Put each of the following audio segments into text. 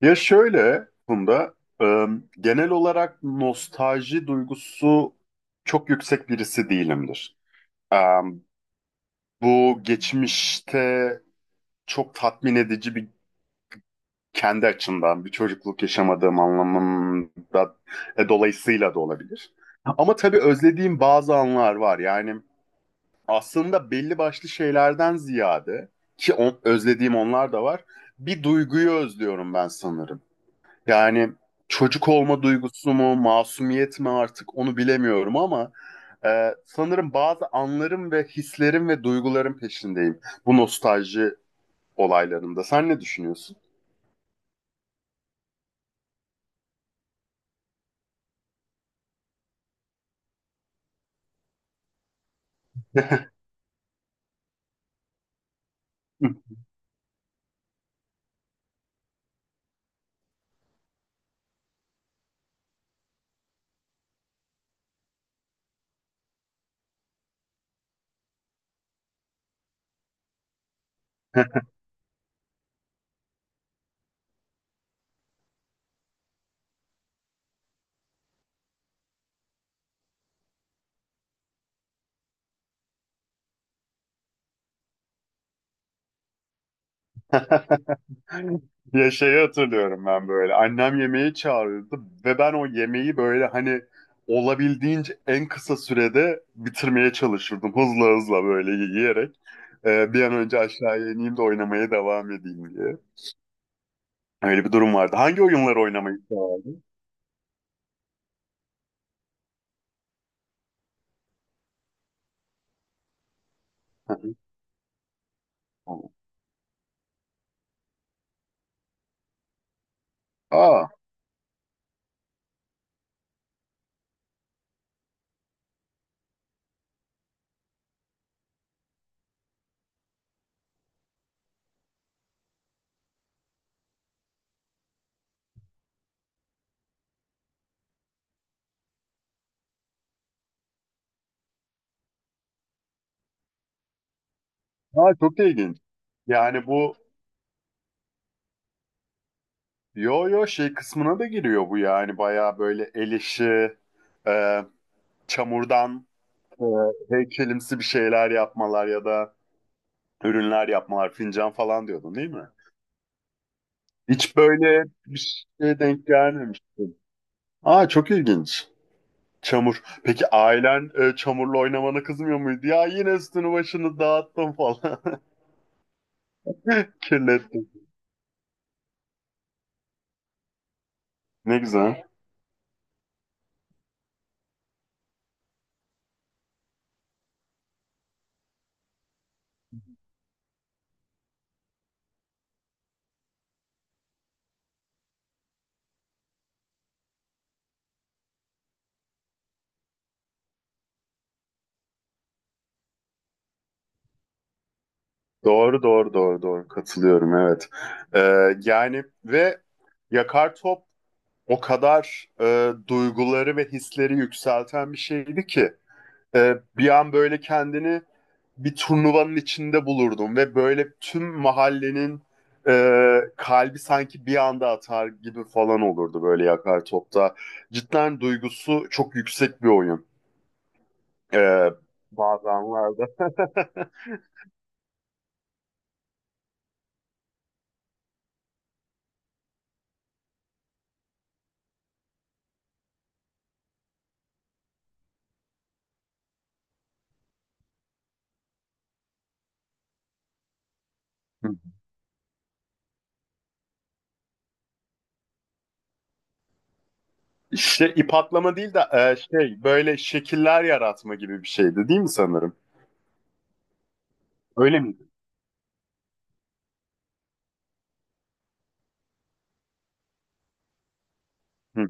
Ya şöyle Funda, e, genel olarak nostalji duygusu çok yüksek birisi değilimdir. E, Bu geçmişte çok tatmin edici bir kendi açımdan bir çocukluk yaşamadığım anlamında, dolayısıyla da olabilir. Ama tabii özlediğim bazı anlar var. Yani aslında belli başlı şeylerden ziyade, özlediğim onlar da var. Bir duyguyu özlüyorum ben sanırım. Yani çocuk olma duygusu mu, masumiyet mi artık onu bilemiyorum ama sanırım bazı anlarım ve hislerim ve duygularım peşindeyim bu nostalji olaylarında. Sen ne düşünüyorsun? Ya şeyi hatırlıyorum ben böyle. Annem yemeği çağırıyordu ve ben o yemeği böyle hani olabildiğince en kısa sürede bitirmeye çalışırdım. Hızla hızla böyle yiyerek. Bir an önce aşağıya ineyim de oynamaya devam edeyim diye. Öyle bir durum vardı. Hangi oyunları oynamayı severdin? Hı hı. Tamam. Aa, aa, çok ilginç. Yani bu, yo yo, şey kısmına da giriyor bu, yani bayağı böyle el işi, e, çamurdan e, heykelimsi bir şeyler yapmalar ya da ürünler yapmalar, fincan falan diyordun değil mi? Hiç böyle bir şeye denk gelmemiştim. Aa, çok ilginç. Çamur. Peki ailen, çamurla oynamana kızmıyor muydu? Ya yine üstünü başını dağıttım falan. Kirlettim. Ne güzel. Doğru doğru doğru doğru, katılıyorum, evet. Ee, yani ve Yakar Top o kadar, duyguları ve hisleri yükselten bir şeydi ki, bir an böyle kendini bir turnuvanın içinde bulurdum ve böyle tüm mahallenin kalbi sanki bir anda atar gibi falan olurdu böyle Yakar Top'ta. Cidden duygusu çok yüksek bir oyun. Ee, bazı anlarda. Şey, ip atlama değil de, şey, böyle şekiller yaratma gibi bir şeydi değil mi sanırım? Öyle miydi? Hı hı.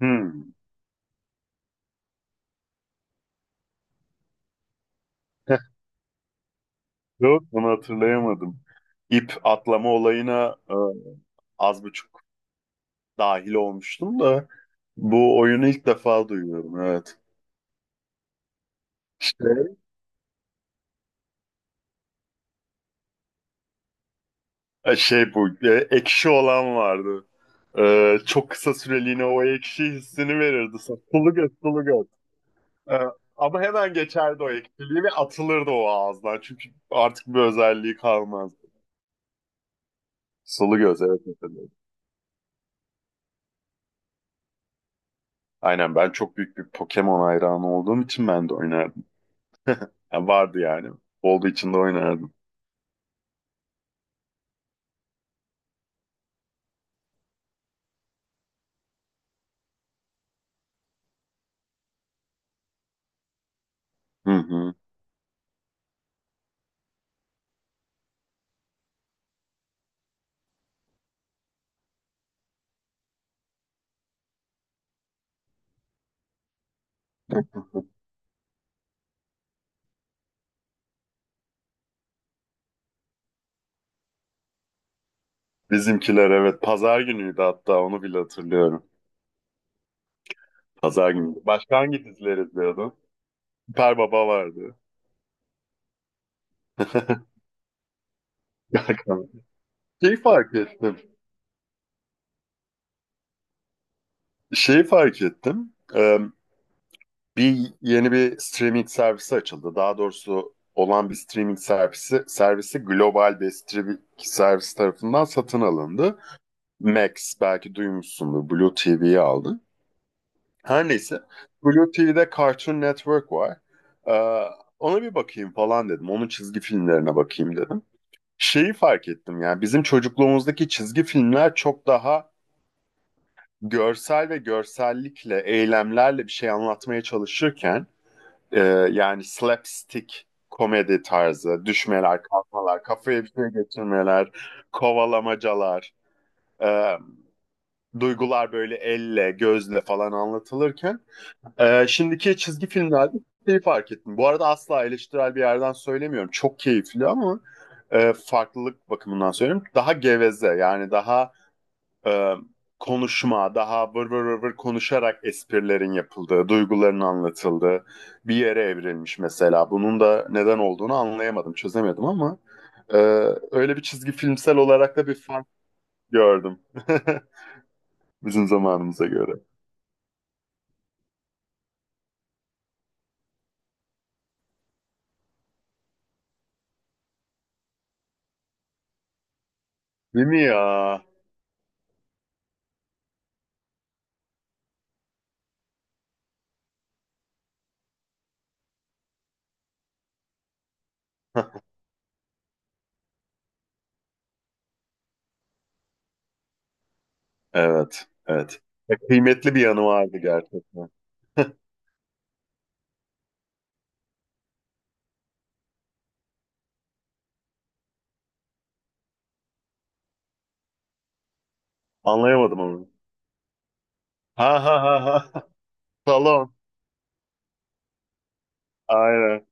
Hı. Heh, yok onu hatırlayamadım. İp atlama olayına az buçuk dahil olmuştum da bu oyunu ilk defa duyuyorum, evet. İşte, şey, bu ekşi olan vardı. E, çok kısa süreliğine o ekşi hissini verirdi. Sulu göz, sulu göz. Ee, ama hemen geçerdi o ekşiliği ve atılırdı o ağızdan. Çünkü artık bir özelliği kalmazdı. Sulu göz, evet, mesela. Aynen, ben çok büyük bir Pokemon hayranı olduğum için ben de oynardım. Yani vardı yani. Olduğu için de oynardım. Hı hı. Bizimkiler, evet, pazar günüydü, hatta onu bile hatırlıyorum. Pazar günü. Başka hangi dizileri izliyordun? Süper Baba vardı. Gerçekten. Şeyi fark ettim. Şeyi fark ettim. Bir yeni bir streaming servisi açıldı. Daha doğrusu olan bir streaming servisi global bir streaming servis tarafından satın alındı. Max, belki duymuşsundur. Blue TV'yi aldı. Her neyse. Blue TV'de Cartoon Network var. Ee, ona bir bakayım falan dedim. Onun çizgi filmlerine bakayım dedim. Şeyi fark ettim, yani bizim çocukluğumuzdaki çizgi filmler çok daha görsel ve görsellikle, eylemlerle bir şey anlatmaya çalışırken, Ee, yani slapstick komedi tarzı, düşmeler, kalkmalar, kafaya bir şey geçirmeler, kovalamacalar, e, duygular böyle elle, gözle falan anlatılırken, şimdiki çizgi filmlerde şeyi fark ettim. Bu arada asla eleştirel bir yerden söylemiyorum. Çok keyifli ama, farklılık bakımından söylüyorum. Daha geveze, yani daha, e, konuşma, daha vır vır vır vır konuşarak esprilerin yapıldığı, duyguların anlatıldığı bir yere evrilmiş mesela. Bunun da neden olduğunu anlayamadım, çözemedim ama, e, öyle bir çizgi filmsel olarak da bir fark gördüm bizim zamanımıza göre. Değil mi ya? Evet, evet. Ya, kıymetli bir yanı vardı gerçekten. Anlayamadım onu. Ha ha ha ha. Salon. Aynen.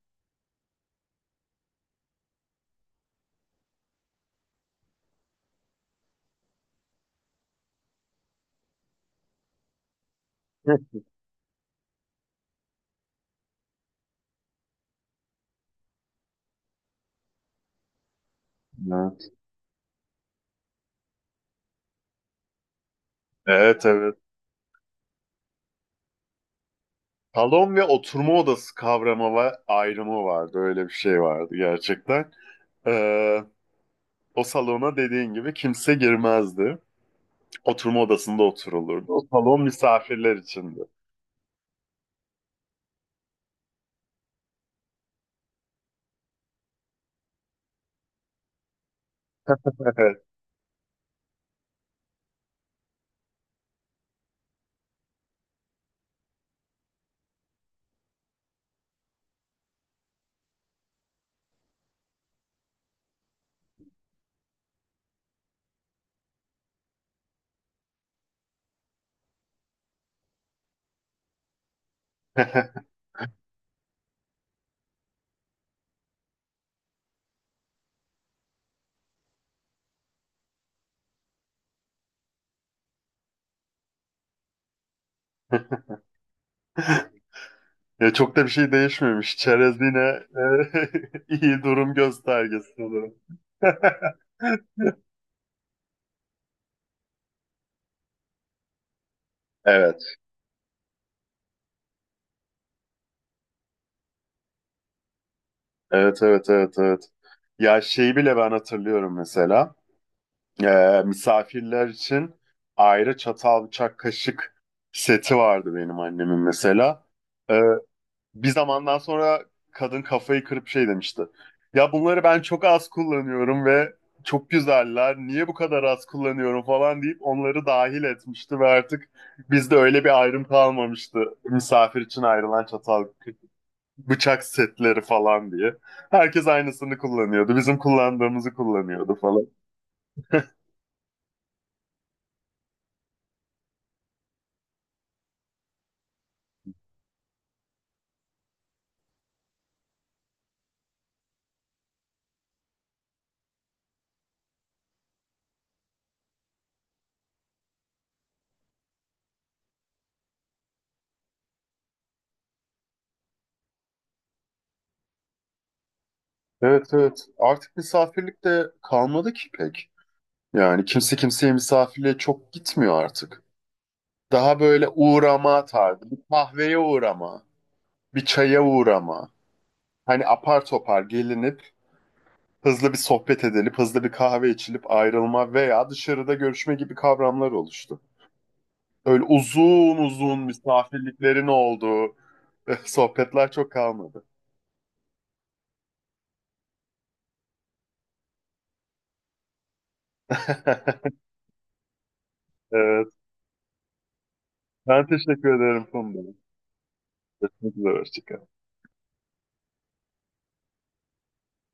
Evet, evet. Salon ve oturma odası kavramı var, ayrımı vardı. Öyle bir şey vardı gerçekten. Ee, o salona dediğin gibi kimse girmezdi. Oturma odasında oturulurdu. O salon misafirler içindi. Evet. Ya çok da bir şey değişmemiş. Çerez yine iyi durum göstergesi sanırım. Evet. Evet, evet, evet, evet. Ya şeyi bile ben hatırlıyorum mesela. Misafirler için ayrı çatal, bıçak, kaşık seti vardı benim annemin mesela. Ee, bir zamandan sonra kadın kafayı kırıp şey demişti. Ya bunları ben çok az kullanıyorum ve çok güzeller. Niye bu kadar az kullanıyorum falan deyip onları dahil etmişti ve artık bizde öyle bir ayrım kalmamıştı. Misafir için ayrılan çatal, bıçak setleri falan diye. Herkes aynısını kullanıyordu. Bizim kullandığımızı kullanıyordu falan. Evet, evet. Artık misafirlik de kalmadı ki pek. Yani kimse kimseye misafirliğe çok gitmiyor artık. Daha böyle uğrama tarzı. Bir kahveye uğrama, bir çaya uğrama. Hani apar topar gelinip hızlı bir sohbet edilip, hızlı bir kahve içilip ayrılma veya dışarıda görüşme gibi kavramlar oluştu. Öyle uzun uzun misafirliklerin olduğu sohbetler çok kalmadı. Evet. Ben teşekkür ederim Funda. Çok güzel. Hoşça kal.